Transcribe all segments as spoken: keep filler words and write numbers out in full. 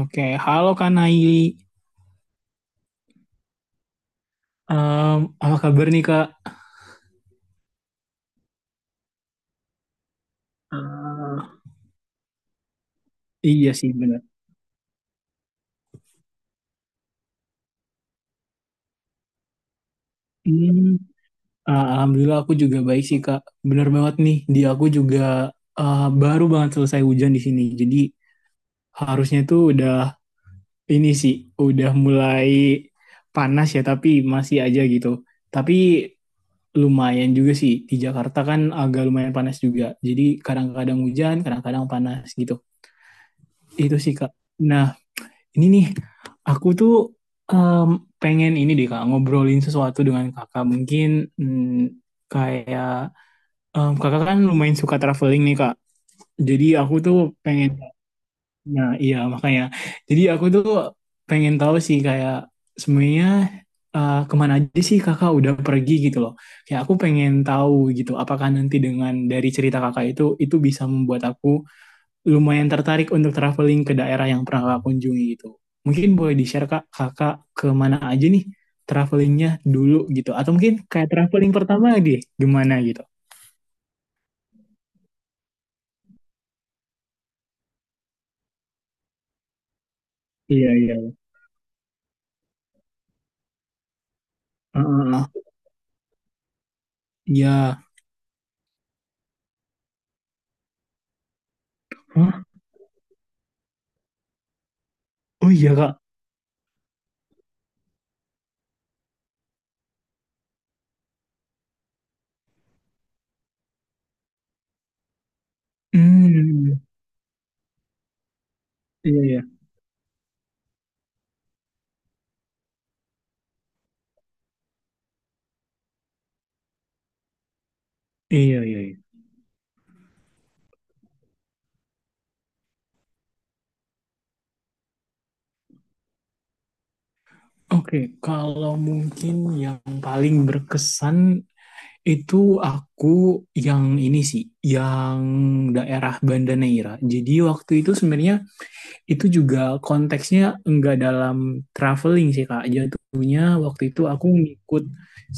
Oke, halo Kak Nai. Em, apa kabar nih, Kak? Eh, iya sih, benar. Hmm, eh, Alhamdulillah aku juga baik sih, Kak. Bener banget nih, di aku juga eh, baru banget selesai hujan di sini. Jadi harusnya tuh udah ini sih, udah mulai panas ya, tapi masih aja gitu. Tapi lumayan juga sih, di Jakarta kan agak lumayan panas juga. Jadi kadang-kadang hujan, kadang-kadang panas gitu. Itu sih, Kak. Nah, ini nih, aku tuh em, pengen ini deh, Kak, ngobrolin sesuatu dengan Kakak. Mungkin mm, kayak em, Kakak kan lumayan suka traveling nih, Kak. Jadi aku tuh pengen, nah iya makanya. Jadi aku tuh pengen tahu sih kayak sebenarnya eh, kemana aja sih Kakak udah pergi gitu loh. Kayak aku pengen tahu gitu, apakah nanti dengan dari cerita Kakak itu, itu bisa membuat aku lumayan tertarik untuk traveling ke daerah yang pernah kakak kunjungi gitu. Mungkin boleh di-share, Kak, kakak ke mana aja nih travelingnya dulu gitu. Atau mungkin kayak traveling pertama deh, gimana gitu. Iya, iya. Heeh. Iya. Hah? Oh, iya, Kak. Hmm. Iya, iya. Iya, iya, iya. Oke, kalau mungkin yang paling berkesan itu aku yang ini sih, yang daerah Banda Neira. Jadi waktu itu sebenarnya itu juga konteksnya enggak dalam traveling sih, Kak. Jatuhnya waktu itu aku ngikut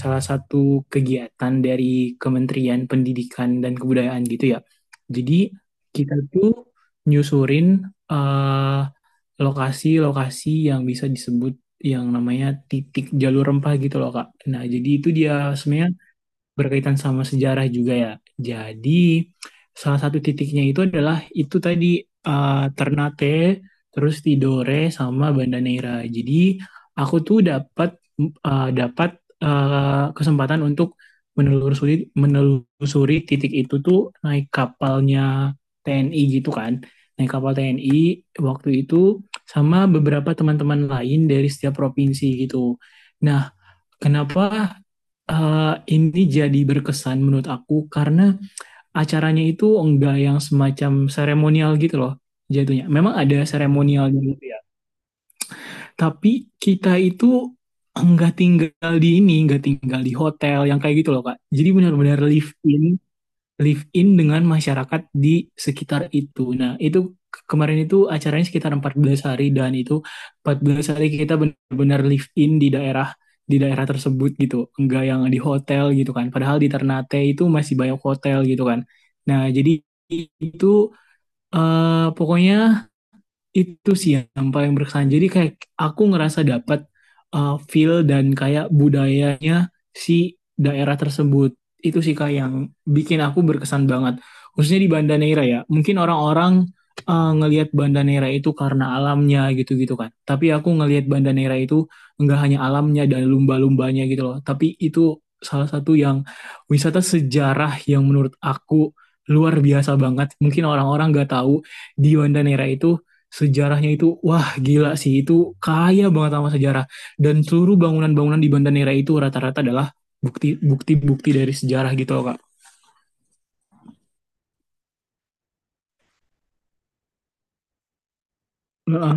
salah satu kegiatan dari Kementerian Pendidikan dan Kebudayaan gitu ya. Jadi kita tuh nyusurin eh, lokasi-lokasi yang bisa disebut yang namanya titik jalur rempah gitu loh, Kak. Nah, jadi itu dia sebenarnya berkaitan sama sejarah juga ya. Jadi salah satu titiknya itu adalah itu tadi eh, Ternate, terus Tidore sama Banda Neira. Jadi aku tuh dapat eh, dapat eh, kesempatan untuk menelusuri menelusuri titik itu tuh naik kapalnya T N I gitu kan. Naik kapal T N I waktu itu sama beberapa teman-teman lain dari setiap provinsi gitu. Nah, kenapa Uh, ini jadi berkesan menurut aku karena acaranya itu enggak yang semacam seremonial gitu loh jatuhnya. Memang ada seremonialnya gitu ya. Tapi kita itu enggak tinggal di ini, enggak tinggal di hotel yang kayak gitu loh, Kak. Jadi benar-benar live in live in dengan masyarakat di sekitar itu. Nah, itu kemarin itu acaranya sekitar empat belas hari dan itu empat belas hari kita benar-benar live in di daerah di daerah tersebut gitu. Enggak yang di hotel gitu kan. Padahal di Ternate itu masih banyak hotel gitu kan. Nah, jadi itu eh, pokoknya itu sih yang paling berkesan. Jadi kayak aku ngerasa dapat uh, feel dan kayak budayanya si daerah tersebut. Itu sih kayak yang bikin aku berkesan banget. Khususnya di Banda Neira ya. Mungkin orang-orang uh, ngelihat Banda Neira itu karena alamnya gitu-gitu kan. Tapi aku ngelihat Banda Neira itu nggak hanya alamnya dan lumba-lumbanya gitu loh. Tapi itu salah satu yang wisata sejarah yang menurut aku luar biasa banget. Mungkin orang-orang nggak tahu di Banda Neira itu sejarahnya itu, wah gila sih, itu kaya banget sama sejarah. Dan seluruh bangunan-bangunan di Bandanera itu rata-rata adalah bukti, bukti-bukti dari sejarah gitu loh, Kak. Heeh,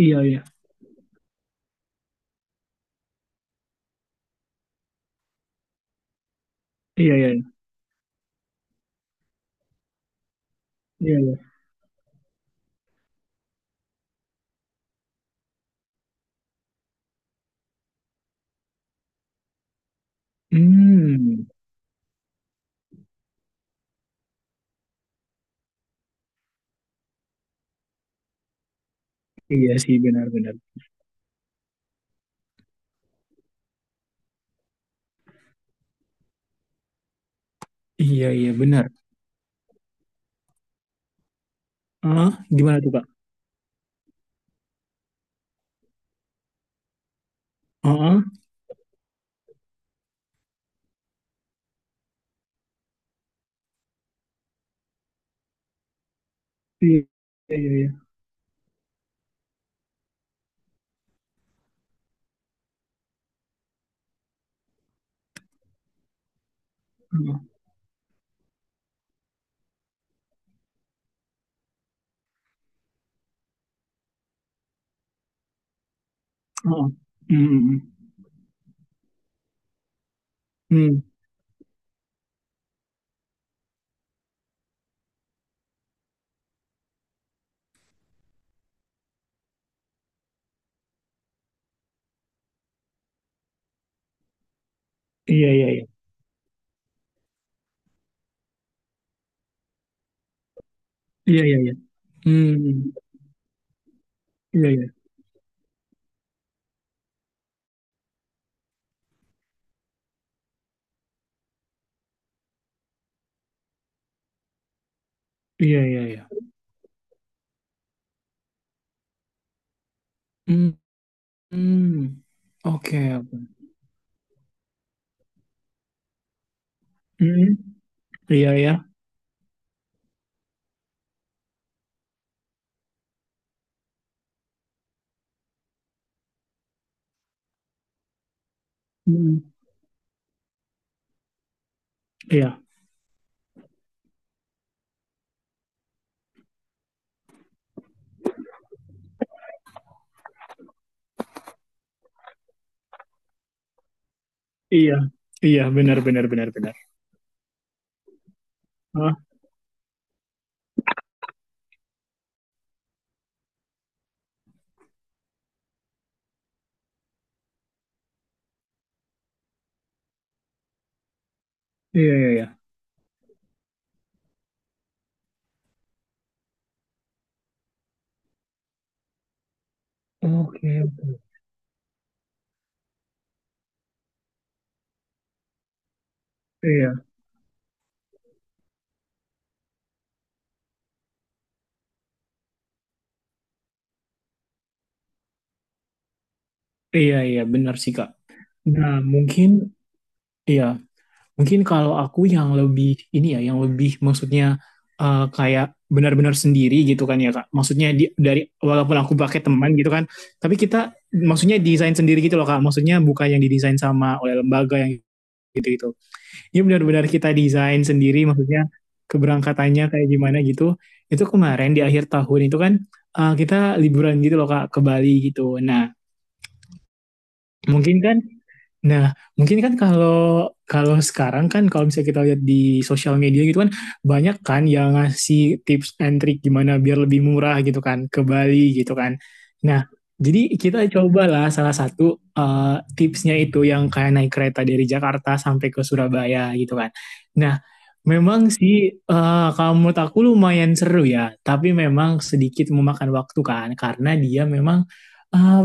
iya, iya, iya, iya, iya, iya. Hmm, iya sih, benar-benar. Iya, iya, benar. Heeh, gimana tuh, Kak? Heeh, iya, iya, iya. Heeh, heeh. Hmm, hmm, hmm. Hmm, iya, iya, iya. Iya, iya, iya. Hmm, hmm, hmm. Iya, iya. Iya, iya, iya. Hmm, hmm. Oke, oke. Hmm, hmm. Iya, iya. Hmm, hmm. Iya, iya, iya, benar, benar, benar, benar. Ah, iya, iya, iya. Oke, iya, iya, iya, benar sih, Kak. Nah, mungkin, iya, mungkin kalau aku yang lebih, ini ya, yang lebih maksudnya eh, kayak benar-benar sendiri gitu kan ya, Kak. Maksudnya di, dari, walaupun aku pakai teman gitu kan, tapi kita, maksudnya desain sendiri gitu loh, Kak. Maksudnya bukan yang didesain sama oleh lembaga yang gitu-gitu. Ini benar-benar kita desain sendiri maksudnya keberangkatannya kayak gimana gitu. Itu kemarin di akhir tahun itu kan eh, kita liburan gitu loh, Kak, ke Bali gitu. Nah, mungkin kan Nah, mungkin kan kalau kalau sekarang kan kalau misalnya kita lihat di sosial media gitu kan banyak kan yang ngasih tips and trick gimana biar lebih murah gitu kan ke Bali gitu kan. Nah, jadi kita cobalah salah satu eh, tipsnya itu yang kayak naik kereta dari Jakarta sampai ke Surabaya gitu kan. Nah, memang sih eh, kalau menurut aku lumayan seru ya, tapi memang sedikit memakan waktu kan karena dia memang eh,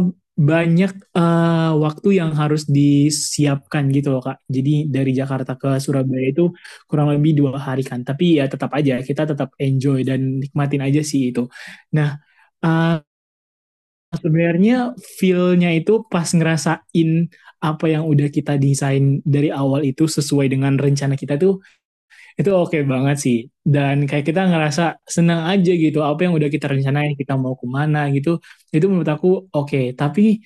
banyak eh, waktu yang harus disiapkan gitu loh, Kak. Jadi dari Jakarta ke Surabaya itu kurang lebih dua hari kan. Tapi ya tetap aja kita tetap enjoy dan nikmatin aja sih itu. Nah, eh, sebenarnya feel-nya itu pas ngerasain apa yang udah kita desain dari awal itu sesuai dengan rencana kita tuh itu oke banget sih. Dan kayak kita ngerasa senang aja gitu. Apa yang udah kita rencanain, kita mau kemana gitu. Itu menurut aku oke. Tapi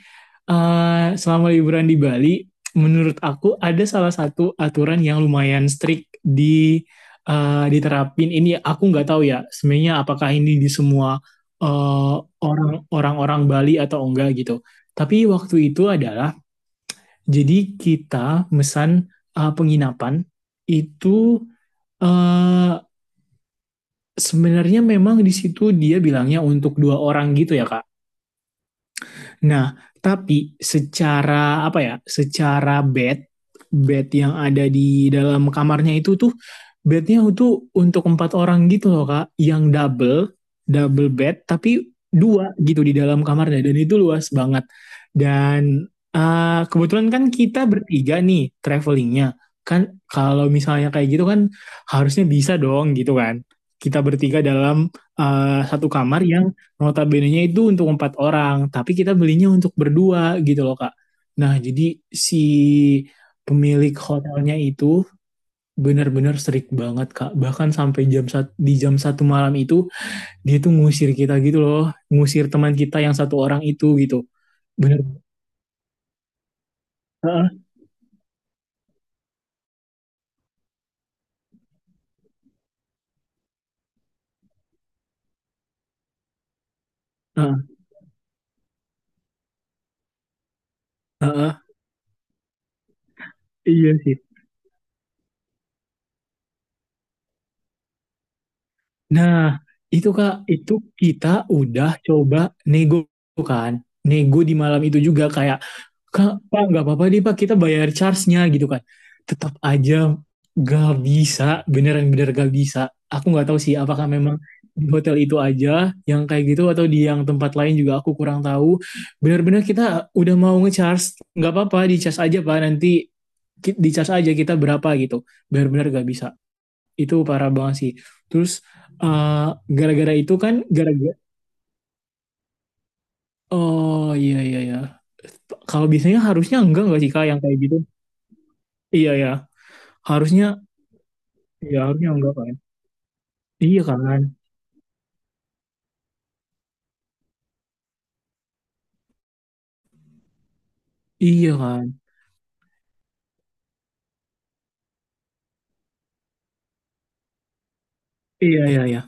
eh, selama liburan di Bali, menurut aku ada salah satu aturan yang lumayan strict di eh, diterapin. Ini aku nggak tahu ya. Sebenarnya apakah ini di semua eh, orang orang-orang Bali atau enggak gitu. Tapi waktu itu adalah jadi kita mesan eh, penginapan itu eh, sebenarnya memang di situ dia bilangnya untuk dua orang gitu ya, Kak. Nah, tapi secara apa ya? Secara bed, bed yang ada di dalam kamarnya itu tuh bednya itu untuk empat orang gitu loh, Kak, yang double, double bed, tapi dua gitu di dalam kamarnya dan itu luas banget. Dan eh, kebetulan kan kita bertiga nih travelingnya, kan kalau misalnya kayak gitu kan harusnya bisa dong gitu kan. Kita bertiga dalam eh, satu kamar yang notabene-nya itu untuk empat orang, tapi kita belinya untuk berdua gitu loh, Kak. Nah, jadi si pemilik hotelnya itu benar-benar strict banget, Kak. Bahkan sampai jam satu di jam satu malam itu dia tuh ngusir kita gitu loh, ngusir teman kita yang satu orang itu gitu. Bener. Heeh, heeh, heeh. Iya sih. Nah, itu, Kak, itu kita udah coba nego kan. Nego di malam itu juga kayak, Kak, Pak, nggak apa-apa deh, Pak, kita bayar charge-nya gitu kan. Tetap aja gak bisa, beneran-bener gak bisa. Aku nggak tahu sih apakah memang di hotel itu aja yang kayak gitu atau di yang tempat lain juga aku kurang tahu. Bener-bener kita udah mau nge-charge, nggak apa-apa di charge aja, Pak, nanti ki- di charge aja kita berapa gitu. Bener-bener gak bisa itu parah banget sih. Terus eh, gara-gara itu kan gara-gara oh iya iya iya. Kalau biasanya harusnya enggak enggak sih, Kak, yang kayak gitu? Iya ya. Harusnya ya harusnya enggak kan. Iya kan? Iya kan? Iya, iya, iya.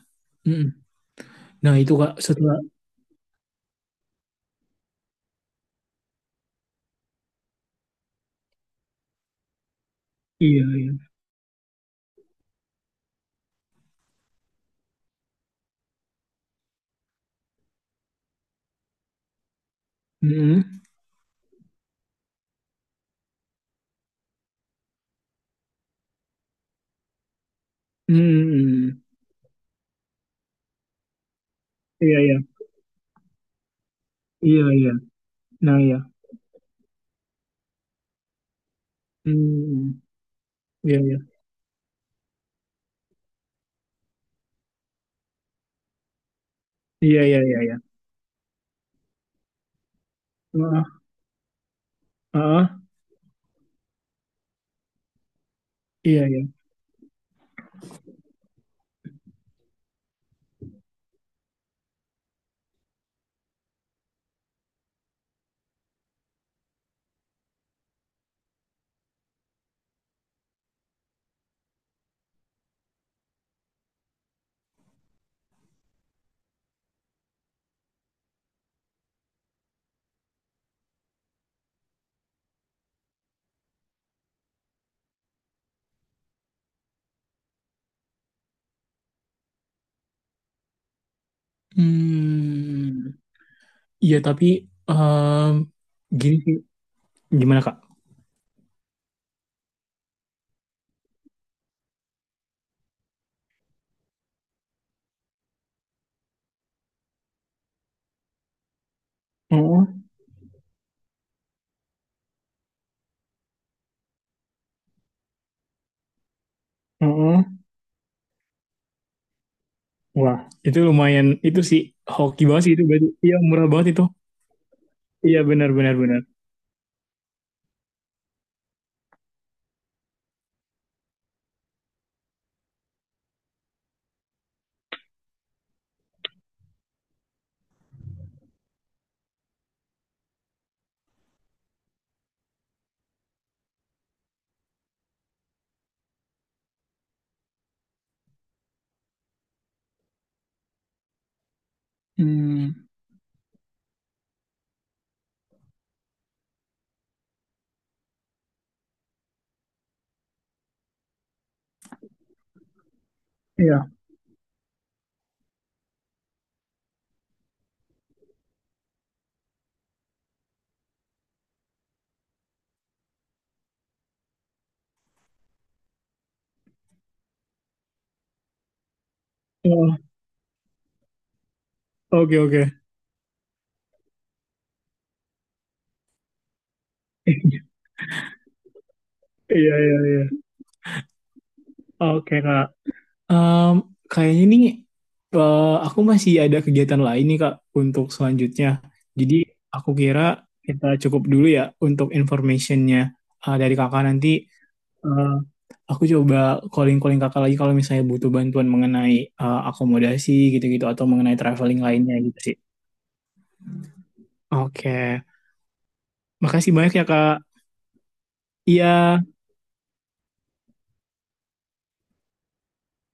Mm-mm. Nah, itu, Kak, setelah iya, iya. Mm-mm. Mm-mm. Iya, iya. Iya, iya. Nah, iya. Mm-mm. Iya, iya. Iya, iya, iya, iya. Heeh. Heeh. Iya, iya. Hmm. Iya tapi em, gini sih. Gimana, Kak? Heeh, heeh. Wah, itu lumayan, itu sih hoki banget sih itu berarti. Iya murah banget itu. Iya, benar, benar, benar. Hmm, iya. Oh, oke, oke. Iya, iya, iya. Oke, Kak. Em, Kayaknya nih eh, aku masih ada kegiatan lain nih, Kak, untuk selanjutnya. Jadi aku kira kita cukup dulu ya untuk informationnya eh, dari Kakak nanti eh, aku coba calling-calling kakak lagi kalau misalnya butuh bantuan mengenai eh, akomodasi gitu-gitu atau mengenai traveling lainnya gitu sih. Oke, makasih banyak ya, Kak. Iya.